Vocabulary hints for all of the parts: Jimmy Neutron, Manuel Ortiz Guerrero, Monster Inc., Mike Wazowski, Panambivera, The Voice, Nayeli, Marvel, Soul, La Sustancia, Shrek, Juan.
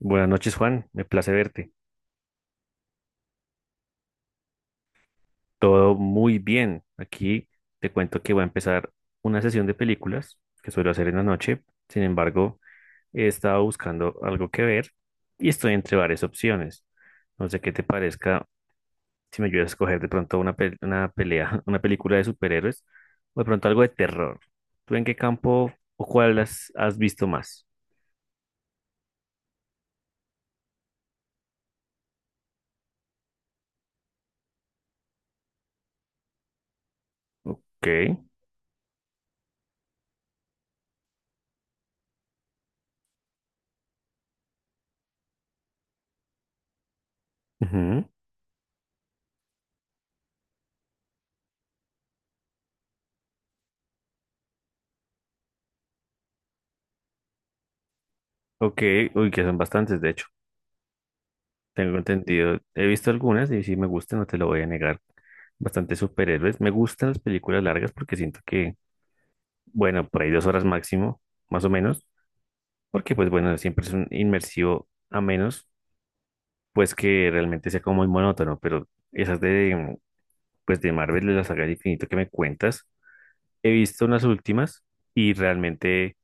Buenas noches, Juan. Me place verte. Todo muy bien. Aquí te cuento que voy a empezar una sesión de películas que suelo hacer en la noche. Sin embargo, he estado buscando algo que ver y estoy entre varias opciones. No sé qué te parezca si me ayudas a escoger de pronto una, una pelea, una película de superhéroes o de pronto algo de terror. ¿Tú en qué campo o cuál has visto más? Ok. Ujú. Ok. Uy, que son bastantes, de hecho. Tengo entendido, he visto algunas y sí me gustan, no te lo voy a negar. Bastante superhéroes. Me gustan las películas largas porque siento que, bueno, por ahí 2 horas máximo, más o menos, porque pues bueno, siempre es un inmersivo a menos, pues que realmente sea como muy monótono, pero esas de, pues de Marvel, de la saga del infinito que me cuentas, he visto unas últimas y realmente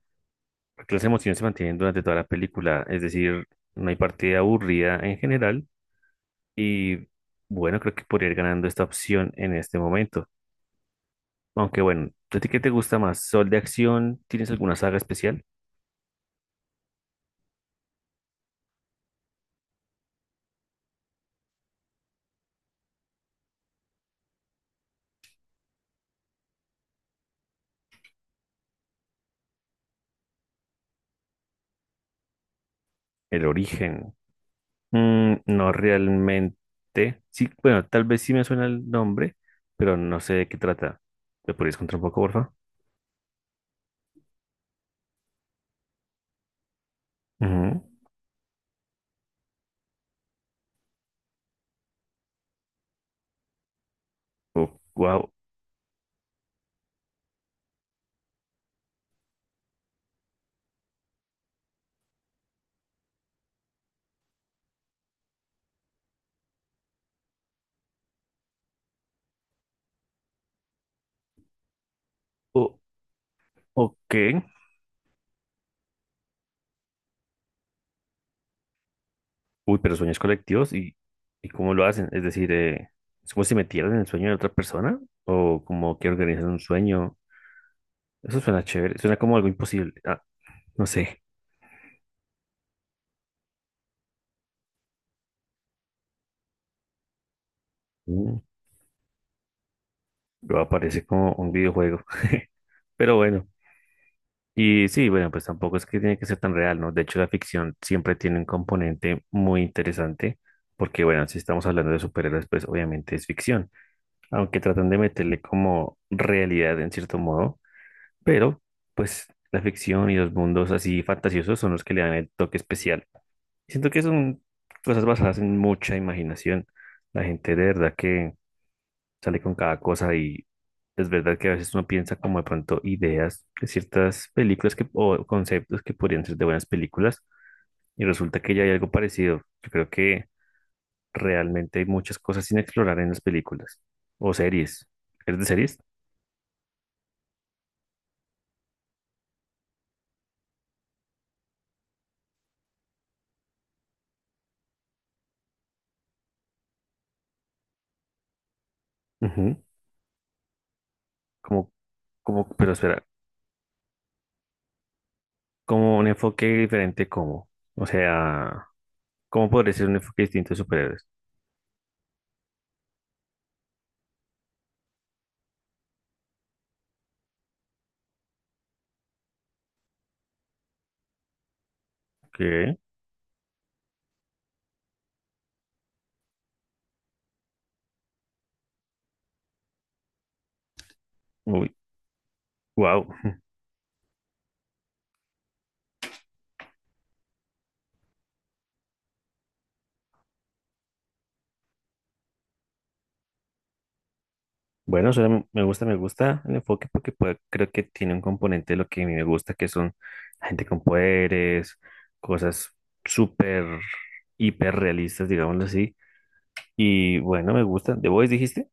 porque las emociones se mantienen durante toda la película, es decir, no hay partida aburrida en general. Y bueno, creo que podría ir ganando esta opción en este momento. Aunque bueno, ¿a ti qué te gusta más? ¿Sol de acción? ¿Tienes alguna saga especial? El origen. Mm, no realmente. Sí, bueno, tal vez sí me suena el nombre, pero no sé de qué trata. ¿Me podrías contar un poco, por favor? Ujú. Oh, wow. Oh, ok. Uy, pero sueños colectivos y cómo lo hacen. Es decir, ¿es como si metieran en el sueño de otra persona? ¿O como que organizan un sueño? Eso suena chévere, suena como algo imposible. No sé. Mm. Pero aparece como un videojuego. Pero bueno, y sí, bueno, pues tampoco es que tiene que ser tan real, ¿no? De hecho, la ficción siempre tiene un componente muy interesante, porque bueno, si estamos hablando de superhéroes, pues obviamente es ficción, aunque tratan de meterle como realidad en cierto modo, pero pues la ficción y los mundos así fantasiosos son los que le dan el toque especial. Siento que son cosas basadas en mucha imaginación. La gente de verdad que sale con cada cosa y es verdad que a veces uno piensa como de pronto ideas de ciertas películas que, o conceptos que podrían ser de buenas películas y resulta que ya hay algo parecido. Yo creo que realmente hay muchas cosas sin explorar en las películas o series. ¿Eres de series? Ujú. Como, pero espera, como un enfoque diferente, ¿cómo? O sea, ¿cómo podría ser un enfoque distinto de superhéroes? ¿Qué? Uy, wow. Bueno, me gusta el enfoque porque creo que tiene un componente de lo que a mí me gusta, que son gente con poderes, cosas súper, hiper realistas, digámoslo así. Y bueno, me gusta. ¿The Voice dijiste?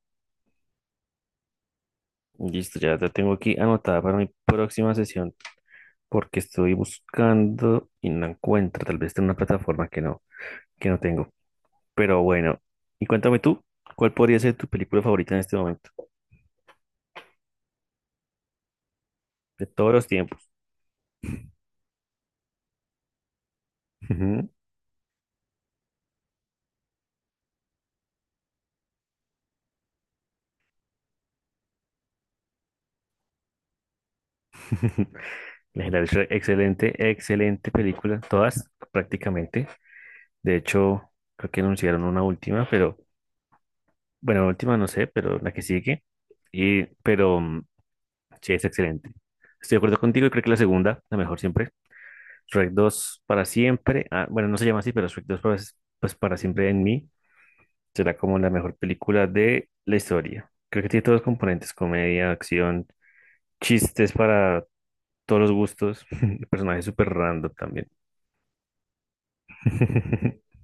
Listo, ya la tengo aquí anotada para mi próxima sesión porque estoy buscando y no encuentro, tal vez está en una plataforma que no tengo. Pero bueno, y cuéntame tú, ¿cuál podría ser tu película favorita en este momento? De todos los tiempos. Legendario Shrek, excelente, excelente película, todas prácticamente. De hecho, creo que anunciaron una última, pero bueno, la última no sé, pero la que sigue. Y, pero sí, es excelente. Estoy de acuerdo contigo y creo que la segunda, la mejor siempre. Shrek dos para siempre. Ah, bueno, no se llama así, pero pues para siempre en mí será como la mejor película de la historia. Creo que tiene todos los componentes, comedia, acción, chistes para todos los gustos. El personaje es súper random también.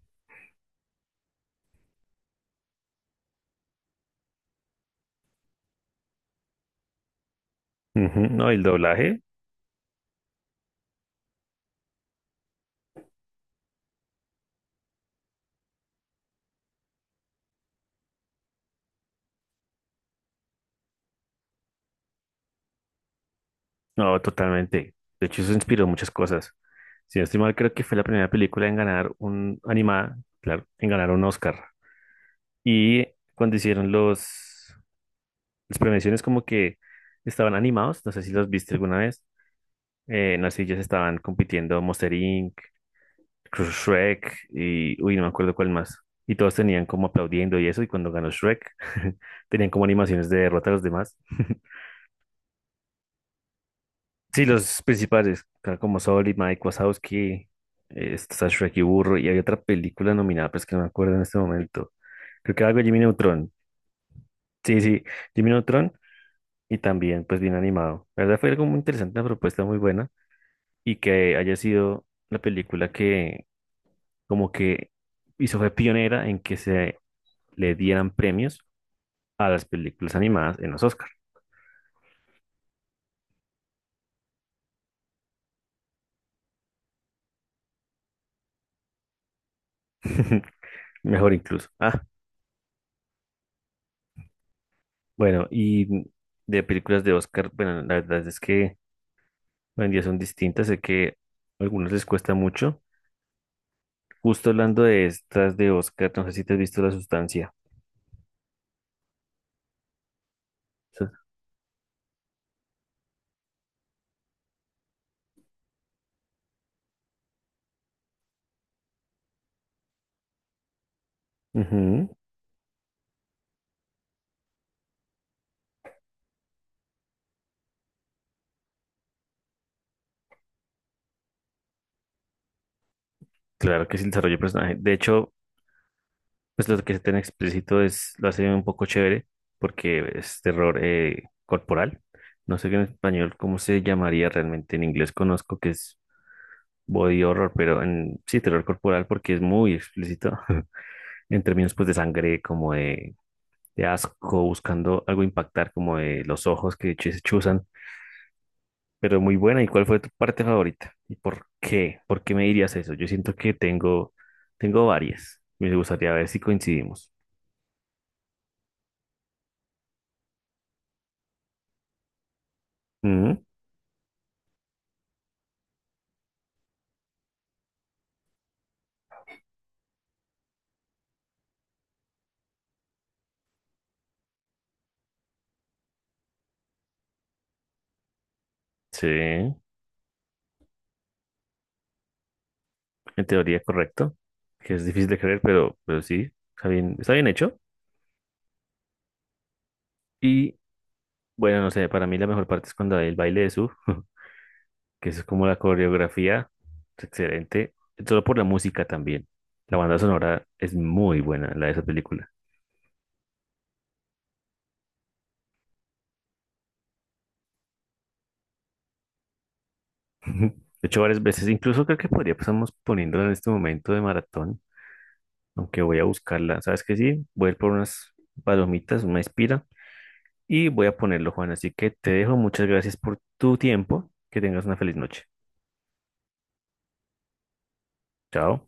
Ujú. No, el doblaje. No, totalmente. De hecho, eso inspiró muchas cosas. Si no estoy mal, creo que fue la primera película en ganar un animada, claro, en ganar un Oscar. Y cuando hicieron los las premiaciones como que estaban animados, no sé si los viste alguna vez. En las sillas estaban compitiendo Monster Inc., Shrek y uy, no me acuerdo cuál más. Y todos tenían como aplaudiendo y eso, y cuando ganó Shrek, tenían como animaciones de derrota a los demás. Sí, los principales, claro, como Soul y Mike Wazowski, está Shrek y Burro, y hay otra película nominada, pero es que no me acuerdo en este momento. Creo que era algo de Jimmy Neutron. Sí, sí, Jimmy Neutron, y también, pues, bien animado. La verdad fue algo muy interesante, una propuesta muy buena, y que haya sido la película que, como que fue pionera en que se le dieran premios a las películas animadas en los Oscars. Mejor incluso. Bueno, y de películas de Oscar, bueno, la verdad es que hoy en día son distintas, sé que a algunos les cuesta mucho. Justo hablando de estas de Oscar, no sé si te has visto La Sustancia. Sí. Ujú. Claro que es el desarrollo de personaje. De hecho, pues lo que es tan explícito es, lo hace un poco chévere, porque es terror corporal. No sé en español cómo se llamaría realmente, en inglés conozco que es body horror, pero en sí, terror corporal porque es muy explícito en términos pues de sangre, como de asco, buscando algo impactar como de los ojos que se chuzan, pero muy buena. ¿Y cuál fue tu parte favorita? ¿Y por qué? ¿Por qué me dirías eso? Yo siento que tengo varias. Me gustaría ver si coincidimos. Ujú. Sí, en teoría correcto, que es difícil de creer, pero sí, está bien hecho. Y bueno, no sé, para mí la mejor parte es cuando hay el baile de su, que eso es como la coreografía, es excelente, solo por la música también. La banda sonora es muy buena, la de esa película. Ujú. He hecho varias veces, incluso creo que podría pasamos poniéndola en este momento de maratón, aunque voy a buscarla. ¿Sabes qué? Sí, voy a ir por unas palomitas, una espira, y voy a ponerlo, Juan. Así que te dejo, muchas gracias por tu tiempo, que tengas una feliz noche. Chao.